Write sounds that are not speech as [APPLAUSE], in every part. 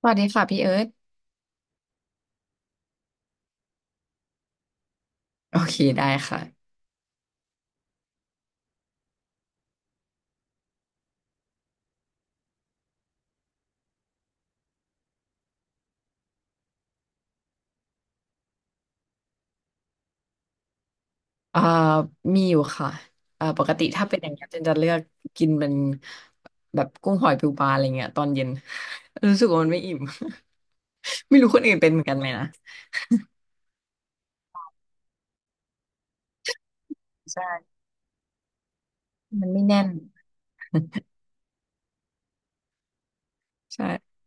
สวัสดีค่ะพี่เอิร์ธโอเคได้ค่ะเอ่อมีอยู่ค่ะปกติถ้าเป็นอย่างเงี้ยเจนจะเลือกกินเป็นแบบกุ้งหอยปูปลาอะไรเงี้ยตอนเย็น [LAUGHS] รู้สึกว่ามันไม่อิ่ม [LAUGHS] ไม่รู้คนอื่นเป็นเหมือนกันไหมนะใช่มันไม่แน่นใช่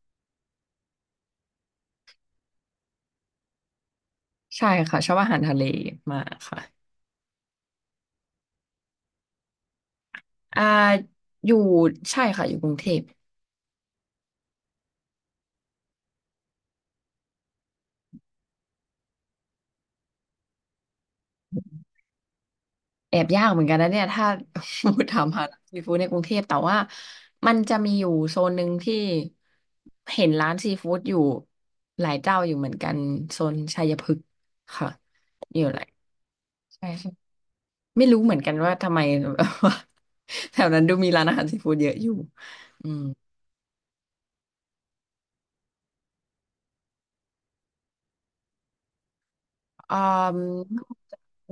ใช่ค่ะชอบอาหารทะเลมากค่ะอ่าอยู่ใช่ค่ะอยู่กรุงเทพ แอบยากเหมือนกันนะเนี่ยถ้า [LAUGHS] ถามหาซีฟู้ดในกรุงเทพแต่ว่ามันจะมีอยู่โซนหนึ่งที่เห็นร้านซีฟู้ดอยู่หลายเจ้าอยู่เหมือนกันโซนชัยพฤกษ์ค่ะมีอยู่หลายใช่ใช่ไม่รู้เหมือนกันว่าทำไม [LAUGHS] แถวนั้นดูมีร้านอาหารซีฟู้ดเยอะอยู่อืมอืม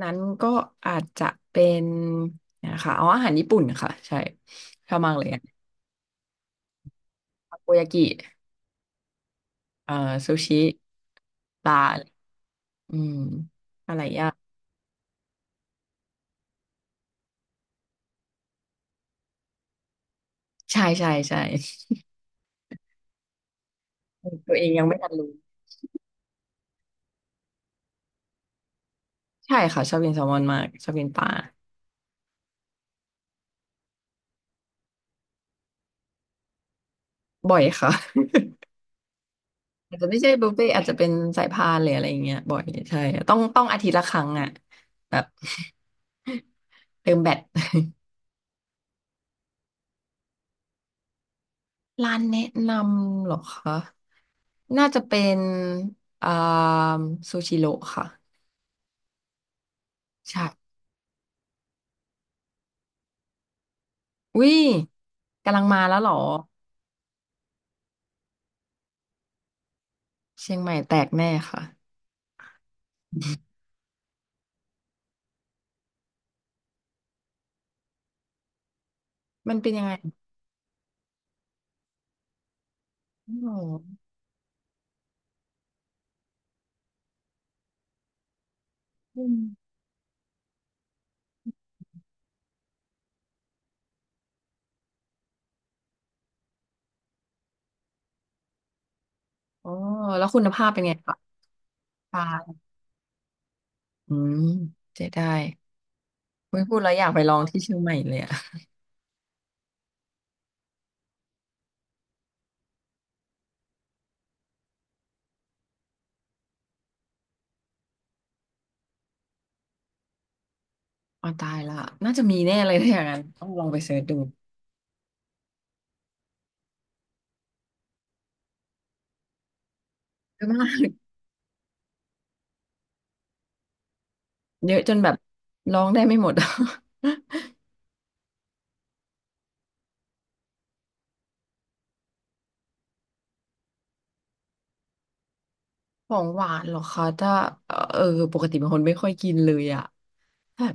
นั้นก็อาจจะเป็นนะคะเอาอาหารญี่ปุ่นค่ะใช่ชอบมากเลยอะทาโกยากิเอ่อซูชิปลา อืมอะไรยากใช่ตัวเองยังไม่ทันรู้ใช่ค่ะชอบกินแซลมอนมากชอบกินปลาบ่อยค่ะ [LAUGHS] อาจจะไม่ใช่บุฟเฟ่ต์อาจจะเป็นสายพานหรืออะไรอย่างเงี้ยบ่อยใช่ต้องอาทิตย์ละครั้งอ่ะแบบ [LAUGHS] เติมแบต [LAUGHS] ร้านแนะนำเหรอคะน่าจะเป็นอ่าซูชิโร่ค่ะใช่อุ้ยกำลังมาแล้วเหรอเชียงใหม่แตกแน่ค่ะ [LAUGHS] มันเป็นยังไงอ๋ออืม อ๋อแล้วคุณภาพเป็นไงคะตาอืมเจ๊ได้ไม่พูดแล้วอยากไปลองที่เชียงใหม่เลยอะ [LAUGHS] อ๋อตายละน่าจะมีแน่เลยถ้าอย่างนั้นต้องลองไปเสิร์ชดูเยอะมากเยอะจนแบบลองได้ไม่หมด [LAUGHS] ของหวานเหรอคะถ้าเออเออปกติเป็นคนไม่ค่อยกินเลยอะแบบ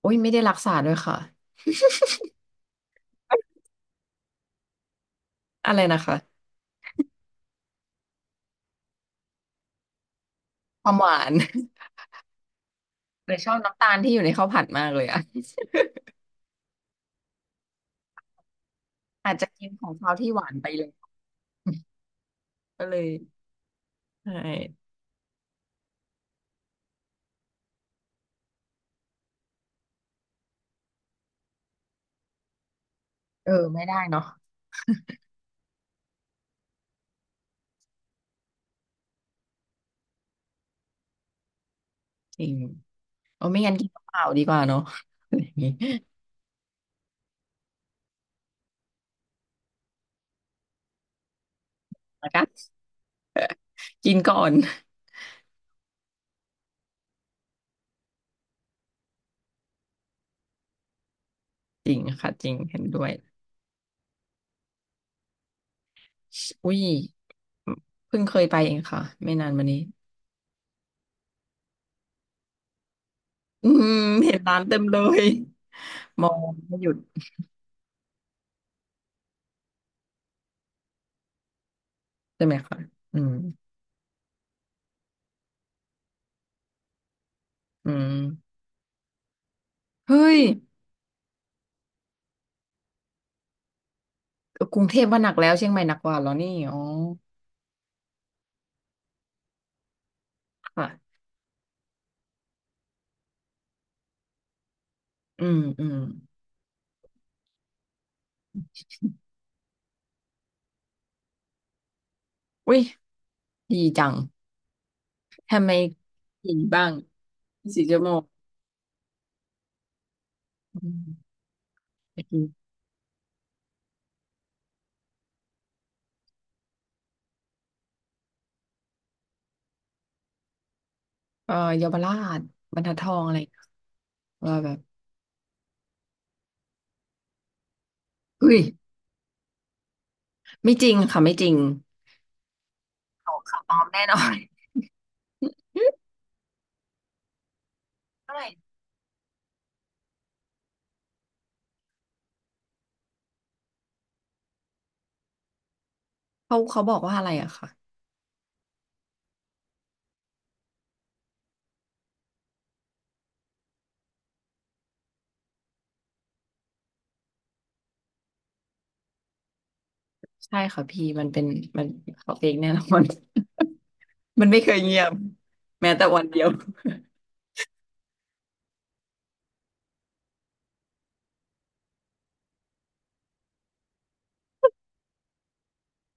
โอ้ยไม่ได้รักษาด้วยค่ะอะไรนะคะความหวาน [LAUGHS] เลยชอบน้ำตาลที่อยู่ในข้าวผัดมากเลยอะ [LAUGHS] อาจจะกินของเขาที่หวานไปเลย [LAUGHS] ก็เลยใช่เออไม่ได้เนาะจริง เออไม่งั้นกินเปล่าดีกว่าเนาะอย่างนี้นะคะกินก่อนจริงค่ะจริงเห็นด้วยอุ้ยเพิ่งเคยไปเองค่ะไม่นานมานี้อืมเห็นร้านเต็มเลยมองไม่หยุดใช่ไหมคะอืมอืมเฮ้ยกรุงเทพว่าหนักแล้วเชียงใหม่หนักกว่าเหรอนี่อ๋อค่ะอืมอืมอุ้ยดีจังทำไมกินบ้างสี่ชั่วโมงอืมอยากกินเยาวราชบรรทัดทองอะไรว่าแบบ อุ้ยไม่จริงค่ะไม่จริงข่าวปลอมแน่นอน [LAUGHS] เท่าไหร่เขาบอกว่าอะไรอะค่ะใช่ค่ะพี่มันเป็นมันเขาเฟกแน่นอน [LAUGHS] มันไม่เคยเงียบแม้แต่วันเดียว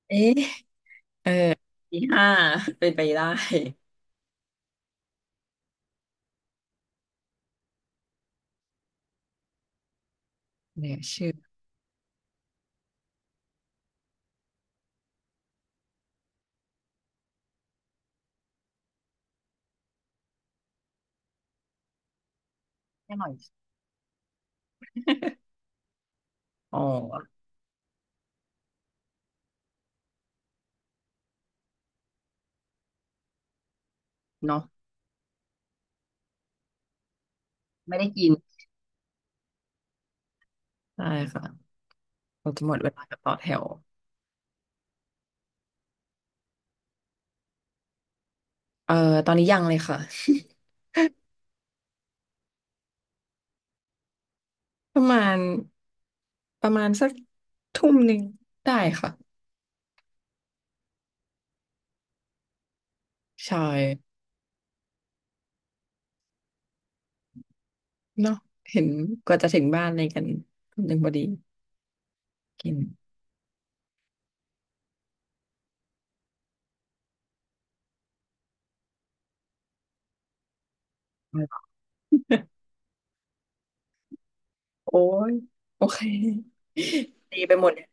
เอ๊ะเออปีห้าเป็นไปได้เนี่ยชื่อแค่หน่อยอ๋อเนาะไม่ได้กินใช่ค่ะเราจะหมดเวลากับต่อแถวเออตอนนี้ยังเลยค่ะ [LAUGHS] ประมาณประมาณสักทุ่มหนึ่งได้ค่ะใช่ เนาะเห็นกว่าจะถึงบ้านอะไรกันหนึ่งพอดีกิน [LAUGHS] โอ้ยโอเคดีไปหมดเนี่ย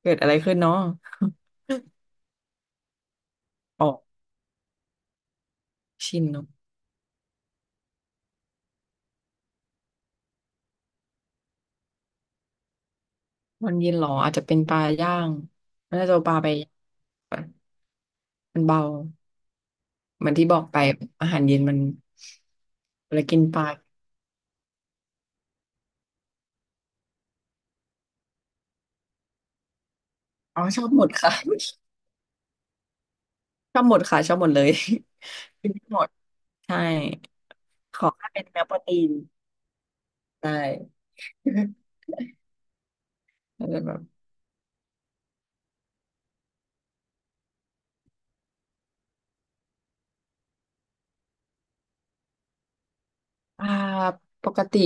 เกิดอะไรขึ้นเนาะออกชินเนาะวันเย็นเหรออาจจะเป็นปลาย่างน่าจะเอาปลาไปย่างมันเบาเหมือนที่บอกไปอาหารเย็นมันเรากินปลาอ๋อชอบหมดค่ะ [LAUGHS] ชอบหมดค่ะชอบหมดเลยกินไม่หมดใช่ขอแค่เป็นเนื้อโปรตีนได้ [LAUGHS] อาจจะแบบ อ่าปกติ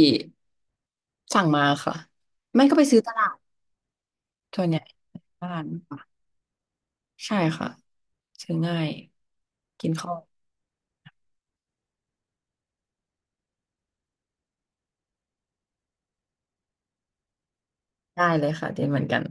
สั่งมาค่ะไม่ก็ไปซื้อตลาดส่วนใหญ่บ้านค่ะใช่ค่ะซื้อง่ายกินข้าวได้เลยค่ะเดนเหมือนกัน